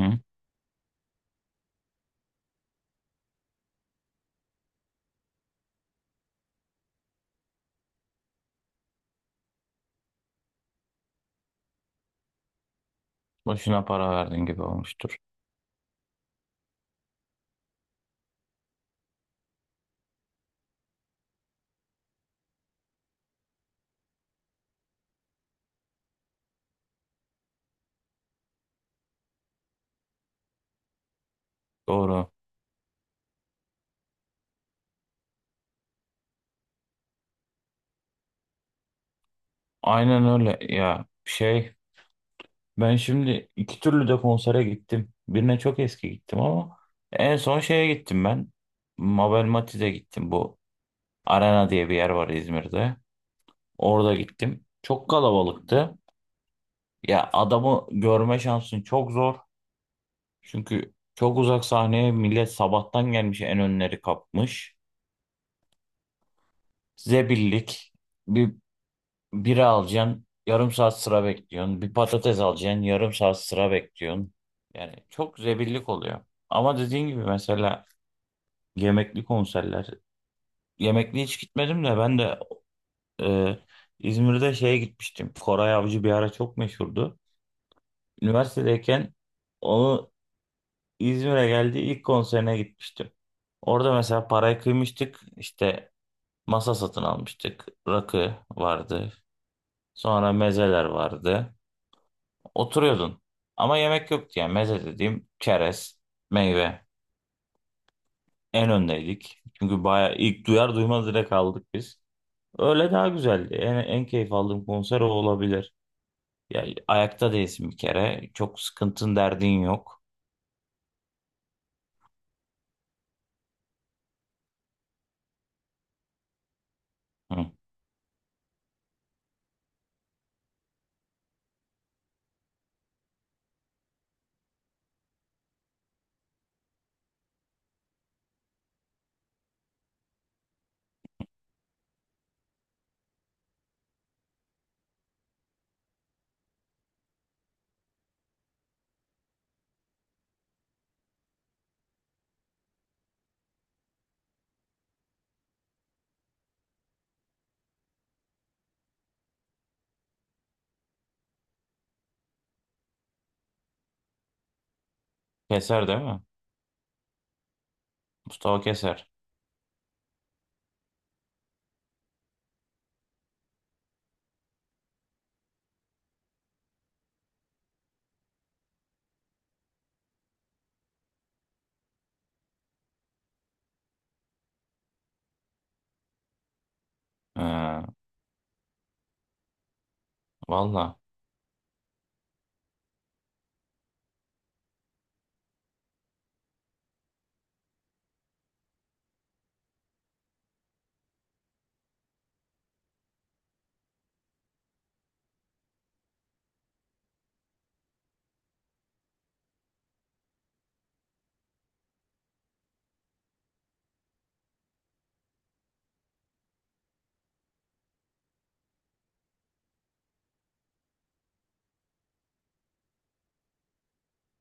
Hı? Boşuna para verdin gibi olmuştur. Doğru. Aynen öyle ya. Şey ben şimdi iki türlü de konsere gittim. Birine çok eski gittim ama en son şeye gittim ben. Mabel Matiz'e gittim. Bu Arena diye bir yer var İzmir'de. Orada gittim. Çok kalabalıktı. Ya adamı görme şansın çok zor. Çünkü çok uzak sahneye millet sabahtan gelmiş en önleri kapmış. Zebillik. bir Biri alacaksın, yarım saat sıra bekliyorsun. Bir patates alacaksın, yarım saat sıra bekliyorsun. Yani çok zebillik oluyor. Ama dediğin gibi mesela yemekli konserler. Yemekli hiç gitmedim de ben de e, İzmir'de şeye gitmiştim. Koray Avcı bir ara çok meşhurdu. Üniversitedeyken onu İzmir'e geldiği ilk konserine gitmiştim. Orada mesela parayı kıymıştık. İşte masa satın almıştık. Rakı vardı. Sonra mezeler vardı. Oturuyordun. Ama yemek yoktu yani. Meze dediğim çerez, meyve. En öndeydik. Çünkü bayağı ilk duyar duymaz direkt aldık biz. Öyle daha güzeldi. En keyif aldığım konser o olabilir. Yani ayakta değilsin bir kere. Çok sıkıntın derdin yok. Hı. Keser değil mi? Mustafa Keser. Ee, valla.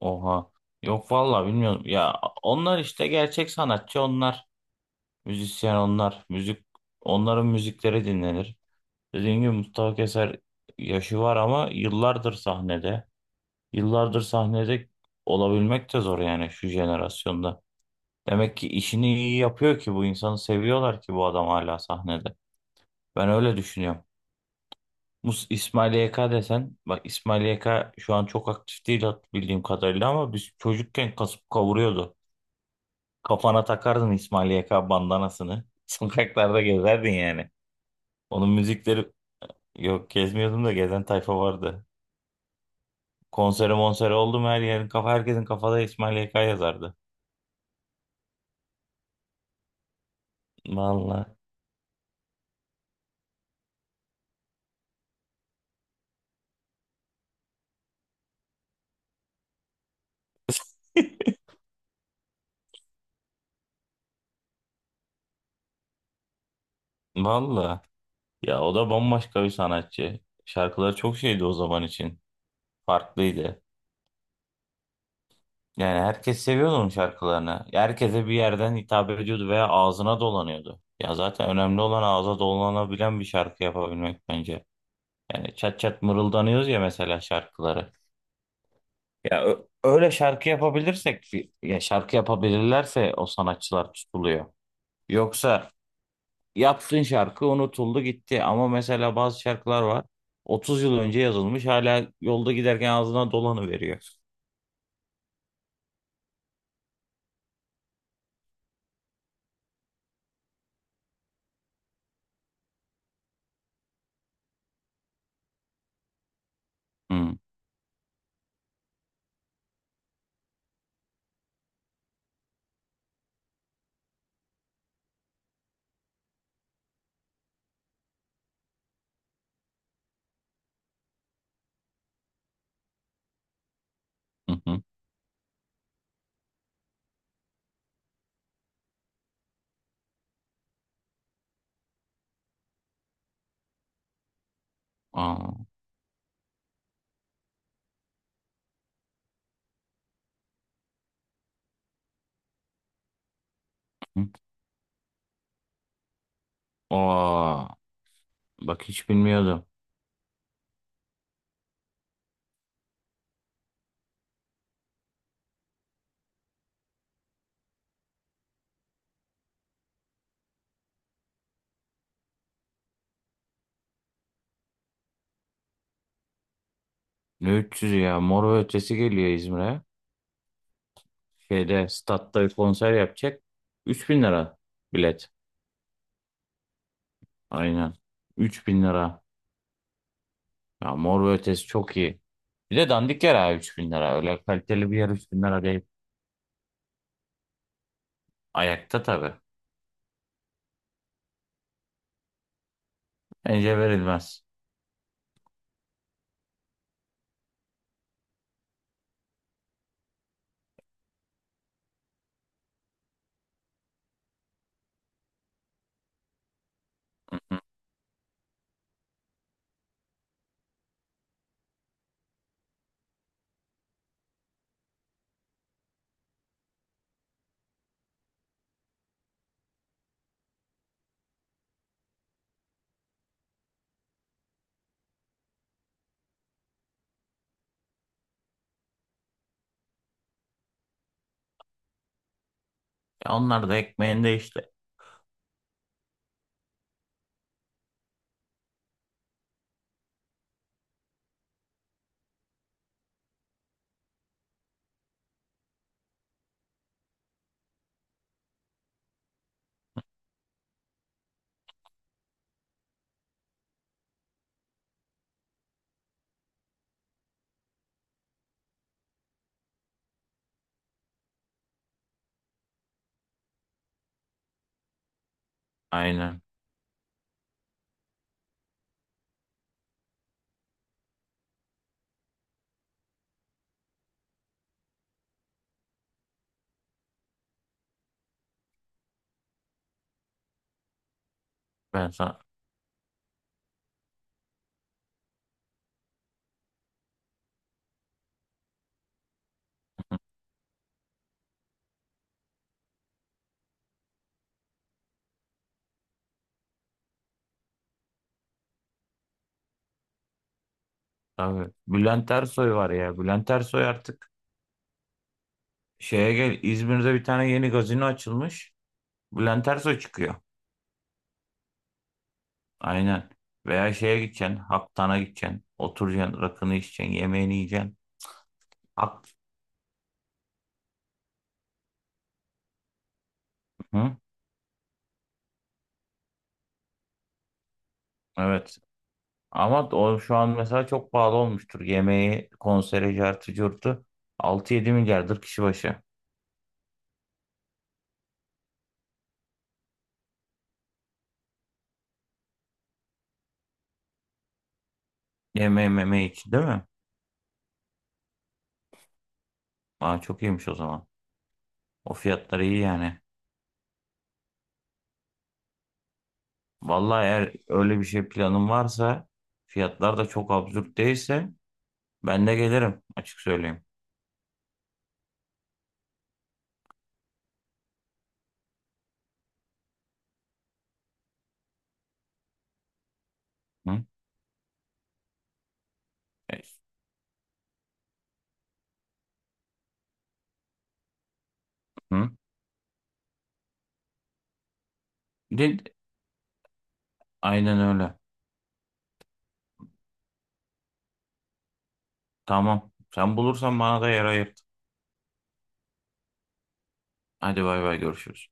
Oha. Yok valla bilmiyorum. Ya onlar işte gerçek sanatçı onlar. Müzisyen onlar. Müzik onların müzikleri dinlenir. Dediğim gibi Mustafa Keser yaşı var ama yıllardır sahnede. Yıllardır sahnede olabilmek de zor yani şu jenerasyonda. Demek ki işini iyi yapıyor ki bu insanı seviyorlar ki bu adam hala sahnede. Ben öyle düşünüyorum. İsmail YK desen, bak İsmail YK şu an çok aktif değil bildiğim kadarıyla ama biz çocukken kasıp kavuruyordu. Kafana takardın İsmail YK bandanasını. Sokaklarda gezerdin yani. Onun müzikleri yok gezmiyordum da gezen tayfa vardı. Konseri monseri oldu mu her yerin kafa herkesin kafada İsmail YK yazardı. Vallahi. Vallahi. Ya o da bambaşka bir sanatçı. Şarkıları çok şeydi o zaman için. Farklıydı. Yani herkes seviyordu onun şarkılarını. Herkese bir yerden hitap ediyordu veya ağzına dolanıyordu. Ya zaten önemli olan ağza dolanabilen bir şarkı yapabilmek bence. Yani çat çat mırıldanıyoruz ya mesela şarkıları. Ya öyle şarkı yapabilirsek, ya şarkı yapabilirlerse o sanatçılar tutuluyor. Yoksa yaptığın şarkı unutuldu gitti. Ama mesela bazı şarkılar var. 30 yıl önce yazılmış hala yolda giderken ağzına dolanıveriyor. Hı hı hı. Aa, hı. Aa, bak hiç bilmiyordum. Ne 300 ya, Mor ve Ötesi geliyor İzmir'e. Şeyde statta bir konser yapacak. 3.000 lira bilet. Aynen. 3.000 lira. Ya Mor ve Ötesi çok iyi. Bir de dandik yer abi 3.000 lira. Öyle kaliteli bir yer 3.000 lira değil. Ayakta tabii. Bence verilmez. Ya onlar da ekmeğinde işte. Aynen. Ben sana tabii. Bülent Ersoy var ya. Bülent Ersoy artık şeye gel. İzmir'de bir tane yeni gazino açılmış. Bülent Ersoy çıkıyor. Aynen. Veya şeye gideceksin. Haktan'a gideceksin. Oturacaksın. Rakını içeceksin. Yemeğini yiyeceksin. Hak. Hı? Evet. Ama o şu an mesela çok pahalı olmuştur. Yemeği, konseri, cartı, curtu. 6-7 milyardır kişi başı. Yemeği, memeği için değil mi? Aa, çok iyiymiş o zaman. O fiyatlar iyi yani. Vallahi eğer öyle bir şey planın varsa fiyatlar da çok absürt değilse ben de gelirim açık söyleyeyim. Hı? E, Hı? Değil- Aynen öyle. Tamam. Sen bulursan bana da yer ayırt. Hadi bay bay görüşürüz.